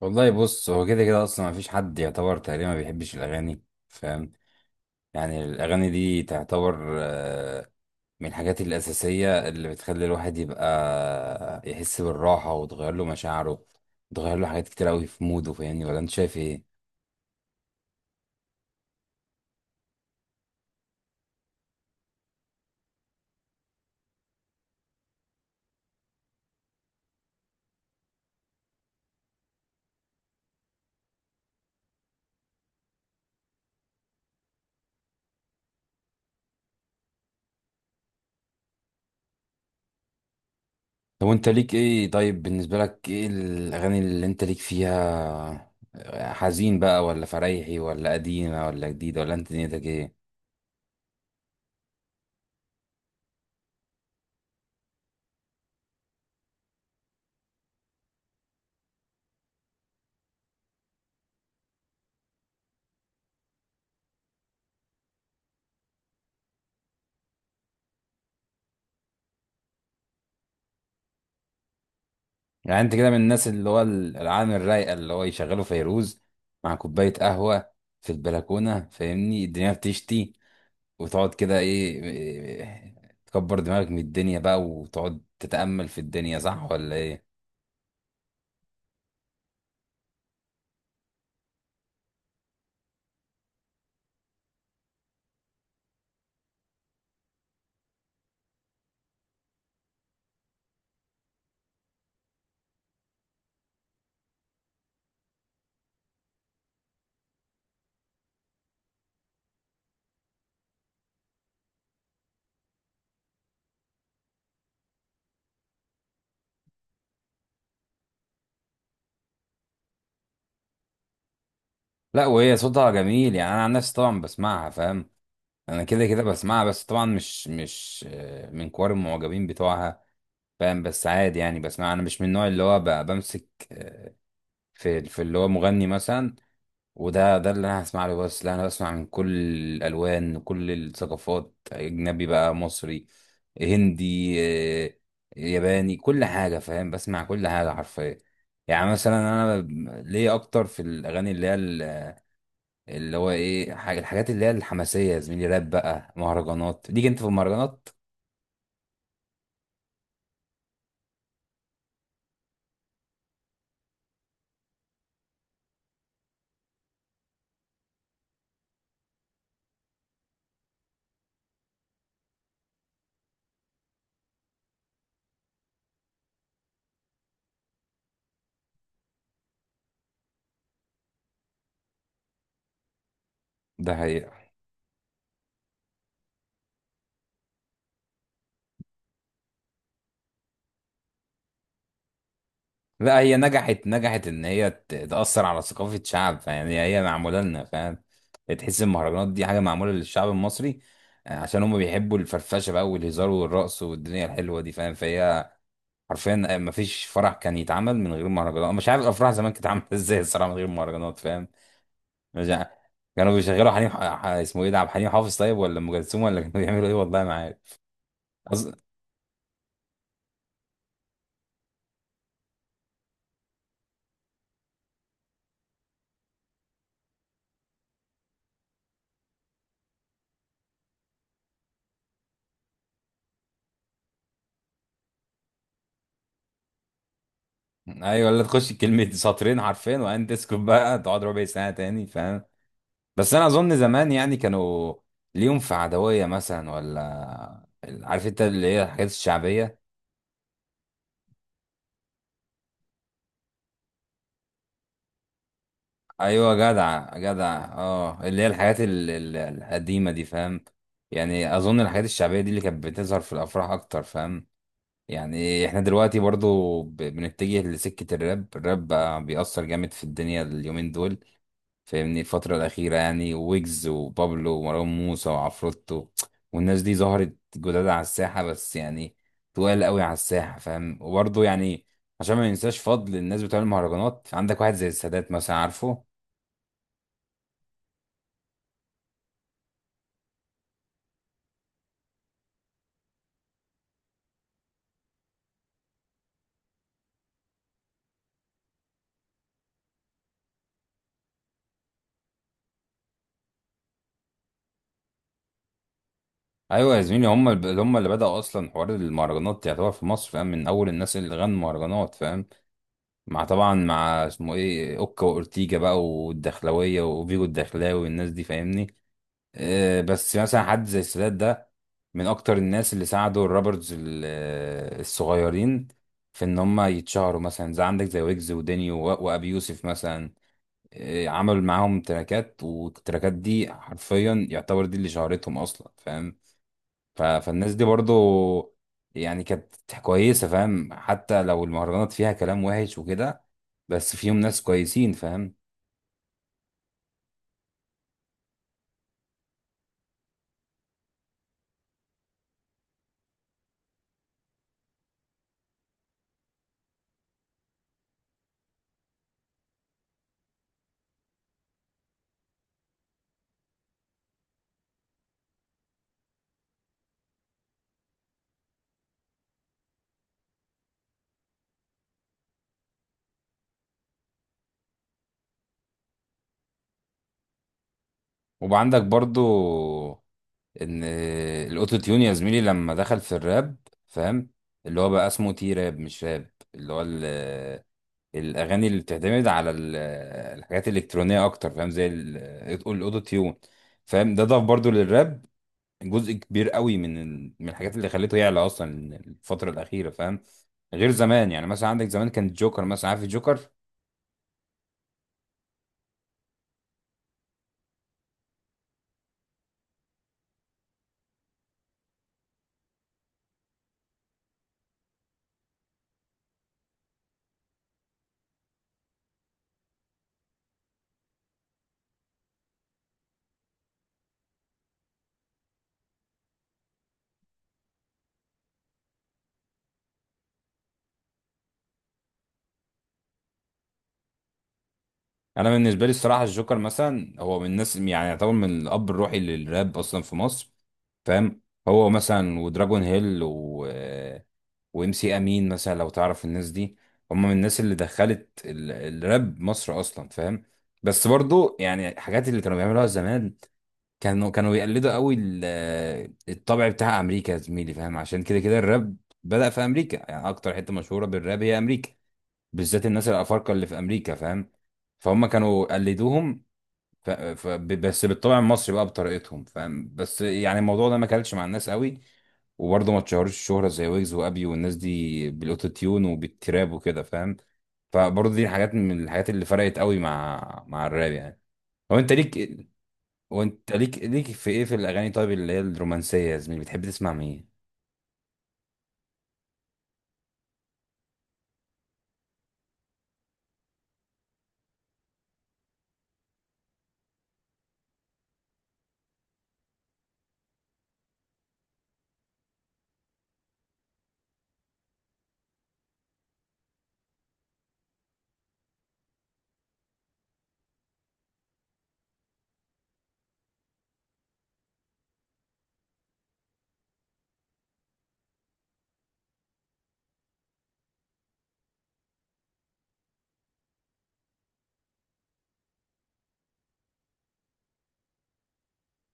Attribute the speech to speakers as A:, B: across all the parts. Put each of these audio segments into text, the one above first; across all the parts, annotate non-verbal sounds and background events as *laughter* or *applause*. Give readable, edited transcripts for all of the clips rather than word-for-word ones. A: والله بص، هو كده كده اصلا ما فيش حد يعتبر تقريبا ما بيحبش الاغاني. فاهم؟ يعني الاغاني دي تعتبر من الحاجات الاساسيه اللي بتخلي الواحد يبقى يحس بالراحه وتغير له مشاعره، تغير له حاجات كتير قوي في موده. فاهمني ولا انت شايف ايه؟ طب وانت ليك ايه؟ طيب بالنسبه لك ايه الاغاني اللي انت ليك فيها؟ حزين بقى ولا فريحي ولا قديمه ولا جديده ولا انت دنيتك ايه؟ يعني انت كده من الناس اللي هو العالم الرايقه، اللي هو يشغلوا فيروز مع كوبايه قهوه في البلكونه، فاهمني الدنيا بتشتي وتقعد كده ايه تكبر دماغك من الدنيا بقى وتقعد تتامل في الدنيا. صح ولا ايه؟ لا، وهي صوتها جميل. يعني انا عن نفسي طبعا بسمعها، فاهم؟ انا كده كده بسمعها، بس طبعا مش من كوار المعجبين بتوعها، فاهم؟ بس عادي يعني بسمعها. انا مش من النوع اللي هو بمسك في اللي هو مغني مثلا، وده اللي انا هسمع له. بس لا، انا بسمع من كل الالوان، كل الثقافات، اجنبي بقى، مصري، هندي، آه، ياباني، كل حاجه، فاهم؟ بسمع كل حاجه حرفيا. يعني مثلا انا ليا اكتر في الاغاني اللي هي اللي هو ايه الحاجات اللي هي الحماسيه، يا زميلي، راب بقى، مهرجانات. ليك انت في المهرجانات؟ ده حقيقة. لا، هي نجحت نجحت ان هي تأثر على ثقافة شعب. فيعني هي معمولة لنا، فاهم؟ تحس المهرجانات دي حاجة معمولة للشعب المصري، عشان هم بيحبوا الفرفشة بقى والهزار والرقص والدنيا الحلوة دي، فاهم؟ فهي حرفيا ما فيش فرح كان يتعمل من غير مهرجانات. أنا مش عارف الافراح زمان كانت عاملة *laughs* ازاي الصراحة من غير مهرجانات، فاهم؟ مش عارف. كانوا بيشغلوا حنين اسمه ايه ده، عبد الحليم حافظ طيب ولا ام كلثوم، ولا كانوا *laughs* بيعملوا ايه؟ والله ما عارف. أص... ايوه، ولا تخش كلمة سطرين حرفين وبعدين تسكت بقى، تقعد ربع ساعة تاني، فاهم؟ بس انا اظن زمان يعني كانوا ليهم في عدوية مثلا، ولا عارف انت اللي هي الحاجات الشعبية. ايوه، جدع جدع، اه، اللي هي الحاجات القديمة دي، فاهم؟ يعني اظن الحاجات الشعبية دي اللي كانت بتظهر في الافراح اكتر، فاهم؟ يعني احنا دلوقتي برضو بنتجه لسكة الراب. الراب بقى بيأثر جامد في الدنيا اليومين دول، فاهمني الفترة الأخيرة، يعني ويجز وبابلو ومروان موسى وعفروتو والناس دي ظهرت جداد على الساحة، بس يعني تقال قوي على الساحة، فاهم؟ وبرضه يعني عشان ما ننساش فضل الناس بتوع المهرجانات، عندك واحد زي السادات مثلا، عارفه؟ ايوه يا زميلي، هم اللي بدأوا اصلا حوار المهرجانات يعتبر في مصر، فاهم؟ من اول الناس اللي غنوا مهرجانات، فاهم؟ مع طبعا مع اسمه ايه، اوكا واورتيجا بقى والدخلاويه وفيجو الدخلاوي والناس دي، فاهمني. بس مثلا حد زي السادات ده من اكتر الناس اللي ساعدوا الرابرز الصغيرين في ان هم يتشهروا، مثلا زي عندك زي ويجز ودينيو وابي يوسف مثلا. عمل معاهم تراكات، والتراكات دي حرفيا يعتبر دي اللي شهرتهم اصلا، فاهم؟ فالناس دي برضو يعني كانت كويسة، فاهم؟ حتى لو المهرجانات فيها كلام وحش وكده، بس فيهم ناس كويسين، فاهم؟ وعندك برضو ان الاوتو تيون يا زميلي لما دخل في الراب، فاهم؟ اللي هو بقى اسمه تي راب مش راب، اللي هو الاغاني اللي بتعتمد على الحاجات الالكترونيه اكتر، فاهم؟ زي الاوتو تيون، فاهم؟ ده ضاف برضو للراب جزء كبير قوي من من الحاجات اللي خليته يعلى اصلا الفتره الاخيره، فاهم؟ غير زمان. يعني مثلا عندك زمان كان الجوكر مثلا، عارف الجوكر؟ انا بالنسبه لي الصراحه الجوكر مثلا هو من الناس يعني يعتبر من الاب الروحي للراب اصلا في مصر، فاهم؟ هو مثلا ودراجون هيل و *hesitation* وام سي امين مثلا، لو تعرف الناس دي، هم من الناس اللي دخلت الراب مصر اصلا، فاهم؟ بس برضو يعني الحاجات اللي كانوا بيعملوها زمان، كانوا بيقلدوا قوي الطبع بتاع امريكا يا زميلي، فاهم؟ عشان كده كده الراب بدأ في امريكا. يعني اكتر حته مشهوره بالراب هي امريكا، بالذات الناس الافارقه اللي في امريكا، فاهم؟ فهم كانوا قلدوهم. بس بالطبع المصري بقى بطريقتهم، فاهم؟ بس يعني الموضوع ده ما كلش مع الناس قوي، وبرضه ما اتشهرش الشهرة زي ويجز وابي والناس دي بالاوتو تيون وبالتراب وكده، فاهم؟ فبرضه دي حاجات من الحاجات اللي فرقت قوي مع الراب يعني. هو انت ليك، وانت ليك في ايه في الاغاني طيب اللي هي الرومانسيه يا زميلي؟ بتحب تسمع مين؟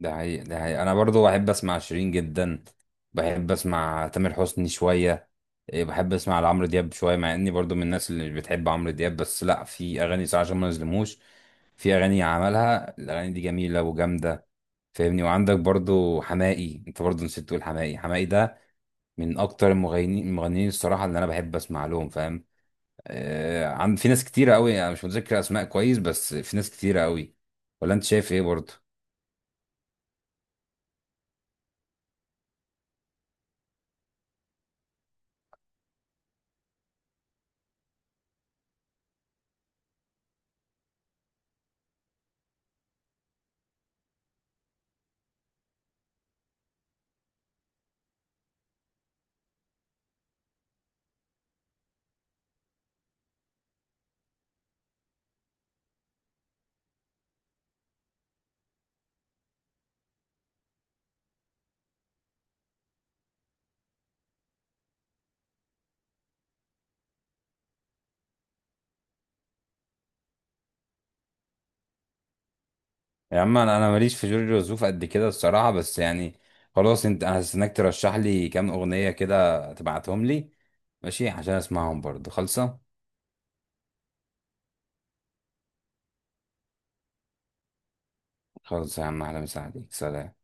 A: ده حقيقي ده حقيقي، انا برضو بحب اسمع شيرين جدا. بحب اسمع تامر حسني شويه. بحب اسمع لعمرو دياب شويه، مع اني برضو من الناس اللي بتحب عمرو دياب، بس لا، في اغاني صراحه عشان ما نظلموش، في اغاني عملها، الاغاني دي جميله وجامده، فاهمني. وعندك برضو حماقي. انت برضو نسيت تقول حماقي. حماقي ده من اكتر المغنيين الصراحه اللي انا بحب اسمع لهم، فاهم؟ آه، عند في ناس كتيره قوي انا مش متذكر اسماء كويس، بس في ناس كتيره قوي. ولا انت شايف ايه برضو؟ يا عم، انا ماليش في جورج وسوف قد كده الصراحه، بس يعني خلاص، انت انا هستناك ترشح لي كام اغنيه كده تبعتهم لي، ماشي؟ عشان اسمعهم برضه خالصه. خالص يا عم، اهلا وسهلا بيك. سلام.